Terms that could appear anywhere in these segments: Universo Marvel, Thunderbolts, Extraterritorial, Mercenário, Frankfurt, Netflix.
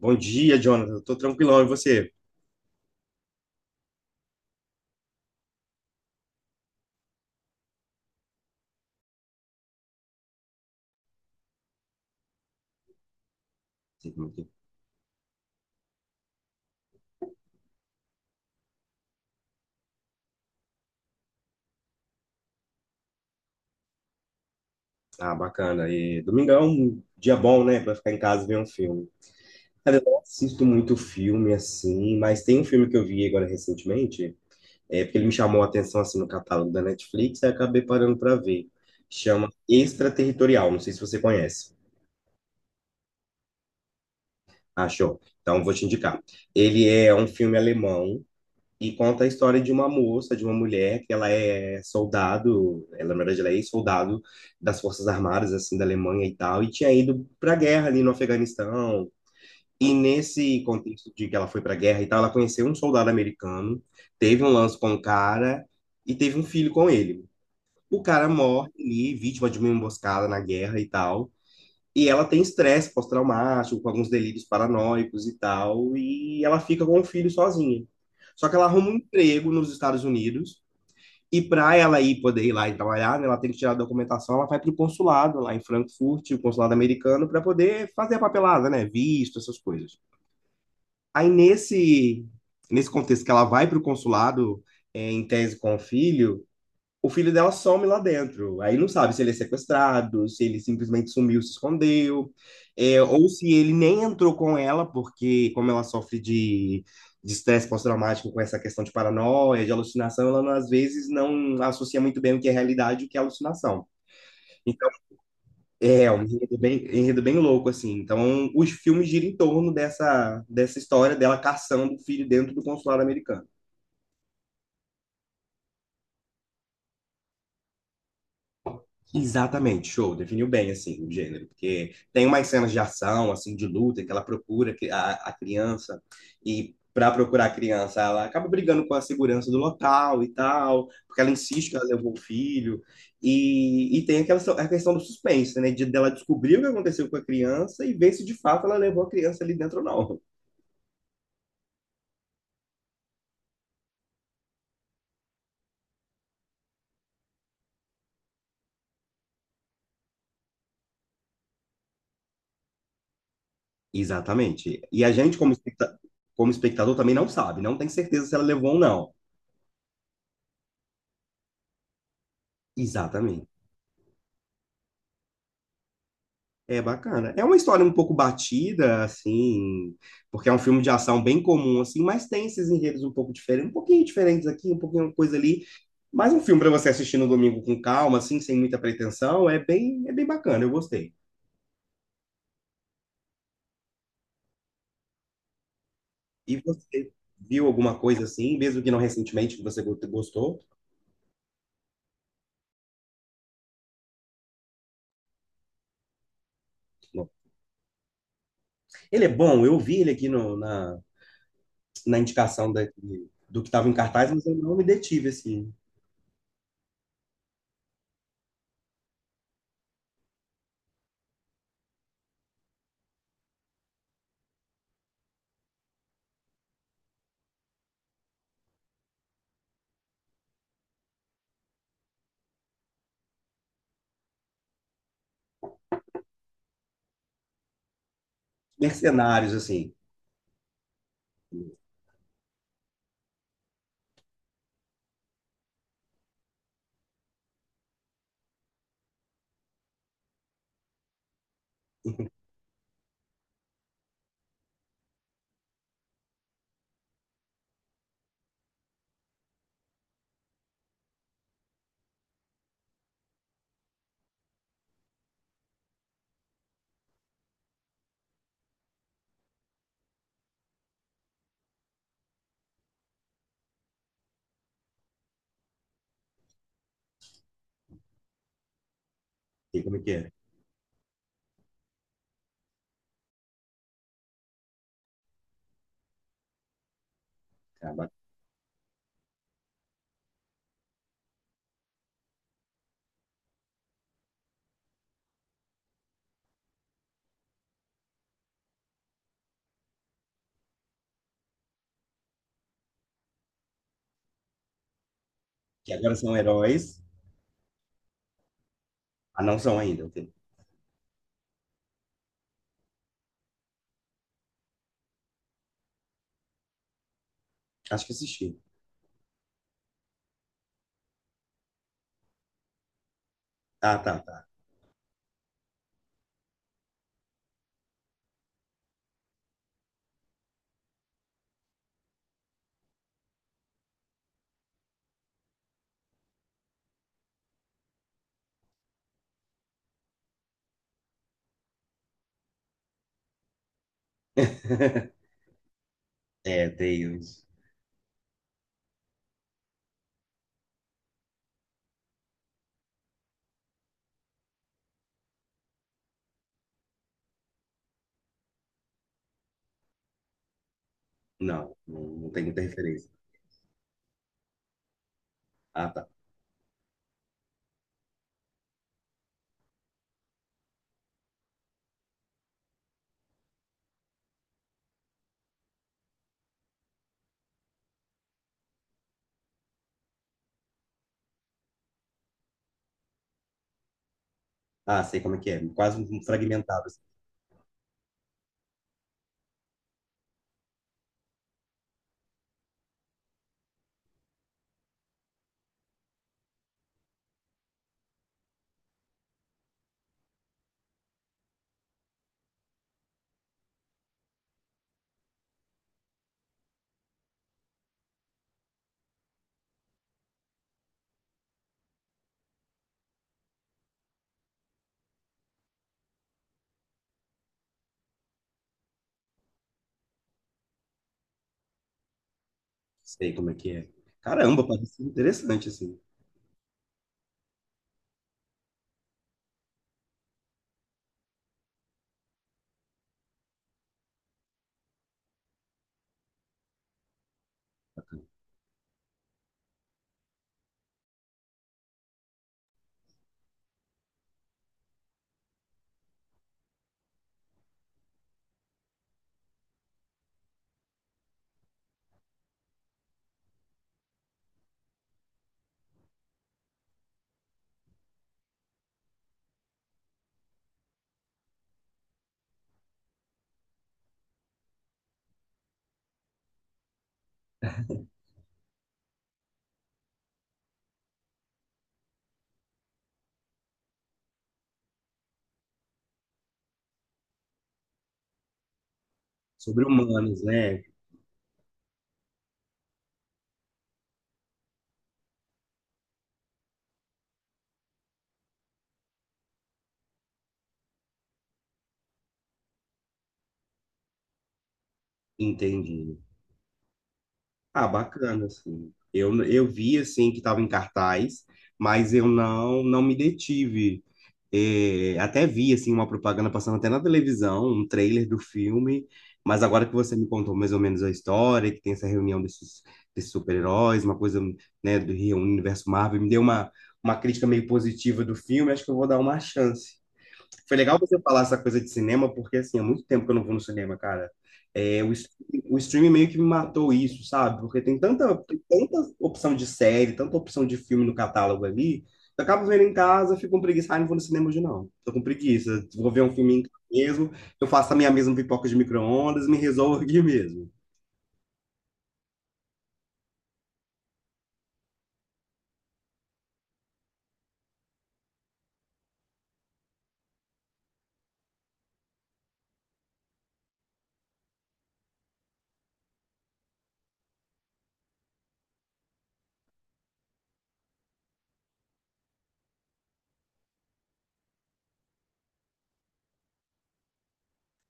Bom dia, Jonathan. Eu tô tranquilão, e você? Ah, bacana. E domingão, é um dia bom, né, pra ficar em casa e ver um filme. Cara, eu não assisto muito filme assim, mas tem um filme que eu vi agora recentemente, é porque ele me chamou a atenção assim no catálogo da Netflix, aí eu acabei parando pra ver. Chama Extraterritorial, não sei se você conhece. Achou? Então vou te indicar. Ele é um filme alemão e conta a história de uma moça, de uma mulher, que ela é soldado, ela, na verdade, ela é ex-soldado das Forças Armadas, assim, da Alemanha e tal, e tinha ido para a guerra ali no Afeganistão. E nesse contexto de que ela foi para a guerra e tal, ela conheceu um soldado americano, teve um lance com o cara e teve um filho com ele. O cara morre ali, vítima de uma emboscada na guerra e tal. E ela tem estresse pós-traumático, com alguns delírios paranoicos e tal, e ela fica com o filho sozinha. Só que ela arruma um emprego nos Estados Unidos, e para ela ir poder ir lá e trabalhar, né, ela tem que tirar a documentação, ela vai para o consulado lá em Frankfurt, o consulado americano, para poder fazer a papelada, né, visto, essas coisas. Aí nesse contexto que ela vai para o consulado é, em tese com o filho dela some lá dentro. Aí não sabe se ele é sequestrado, se ele simplesmente sumiu, se escondeu, é, ou se ele nem entrou com ela, porque como ela sofre de estresse pós-traumático com essa questão de paranoia, de alucinação, ela às vezes não associa muito bem o que é realidade e o que é alucinação. Então, é um enredo bem louco, assim. Então, os filmes giram em torno dessa, dessa história dela caçando o filho dentro do consulado americano. Exatamente, show, definiu bem assim o gênero, porque tem umas cenas de ação, assim, de luta, que ela procura a criança, e para procurar a criança, ela acaba brigando com a segurança do local e tal, porque ela insiste que ela levou o filho, e, tem aquela a questão do suspense, né, de dela descobrir o que aconteceu com a criança e ver se de fato ela levou a criança ali dentro ou não. Exatamente, e a gente, como como espectador, também não sabe, não tem certeza se ela levou ou não. Exatamente. É bacana. É uma história um pouco batida, assim, porque é um filme de ação bem comum, assim, mas tem esses enredos um pouco diferentes, um pouquinho diferentes aqui, um pouquinho uma coisa ali. Mas um filme para você assistir no domingo com calma, assim, sem muita pretensão, é bem bacana, eu gostei. E você viu alguma coisa assim, mesmo que não recentemente, que você gostou? Não. Ele é bom, eu vi ele aqui na, na indicação do que estava em cartaz, mas eu não me detive, assim. Mercenários, assim, sei como é que é. Acaba- Que agora são heróis. Ah, não são ainda. Ok. Acho que assisti. Ah, tá, tá. É, tem não, não tem muita referência. Ah, tá. Ah, sei como é que é. Quase um fragmentado, assim. Sei como é que é. Caramba, parece interessante, assim. Sobre humanos, né? Entendi. Ah, bacana, assim. Eu vi, assim, que estava em cartaz, mas eu não, não me detive. É, até vi assim uma propaganda passando até na televisão, um trailer do filme, mas agora que você me contou mais ou menos a história, que tem essa reunião desses, desses super-heróis, uma coisa, né, do Rio Universo Marvel, me deu uma crítica meio positiva do filme, acho que eu vou dar uma chance. Foi legal você falar essa coisa de cinema, porque assim, há muito tempo que eu não vou no cinema, cara. É, o, o streaming meio que me matou isso, sabe? Porque tem tanta opção de série, tanta opção de filme no catálogo ali. Eu acabo vendo em casa, fico com preguiça, ah, não vou no cinema hoje não. Tô com preguiça. Vou ver um filme em casa mesmo, eu faço a minha mesma pipoca de micro-ondas, me resolvo aqui mesmo.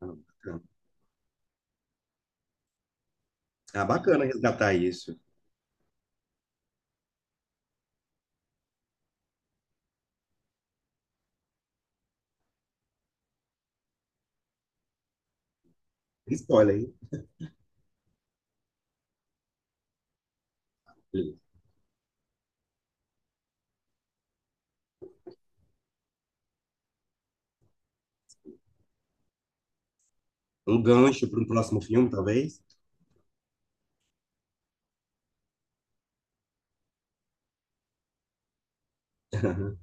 Ah, bacana. Ah, bacana resgatar isso. Spoiler, hein? Um gancho para um próximo filme, talvez.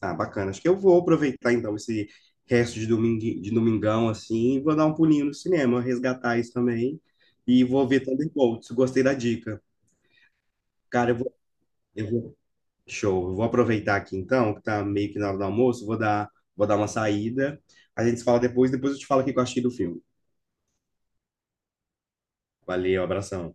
Ah, bacana. Acho que eu vou aproveitar então esse resto de domingo, de domingão assim, e vou dar um pulinho no cinema, resgatar isso também e vou ver Thunderbolts. Gostei da dica. Cara, eu vou, show. Eu vou aproveitar aqui então, que tá meio que na hora do almoço, vou dar uma saída. A gente se fala depois, depois eu te falo o que eu achei do filme. Valeu, abração.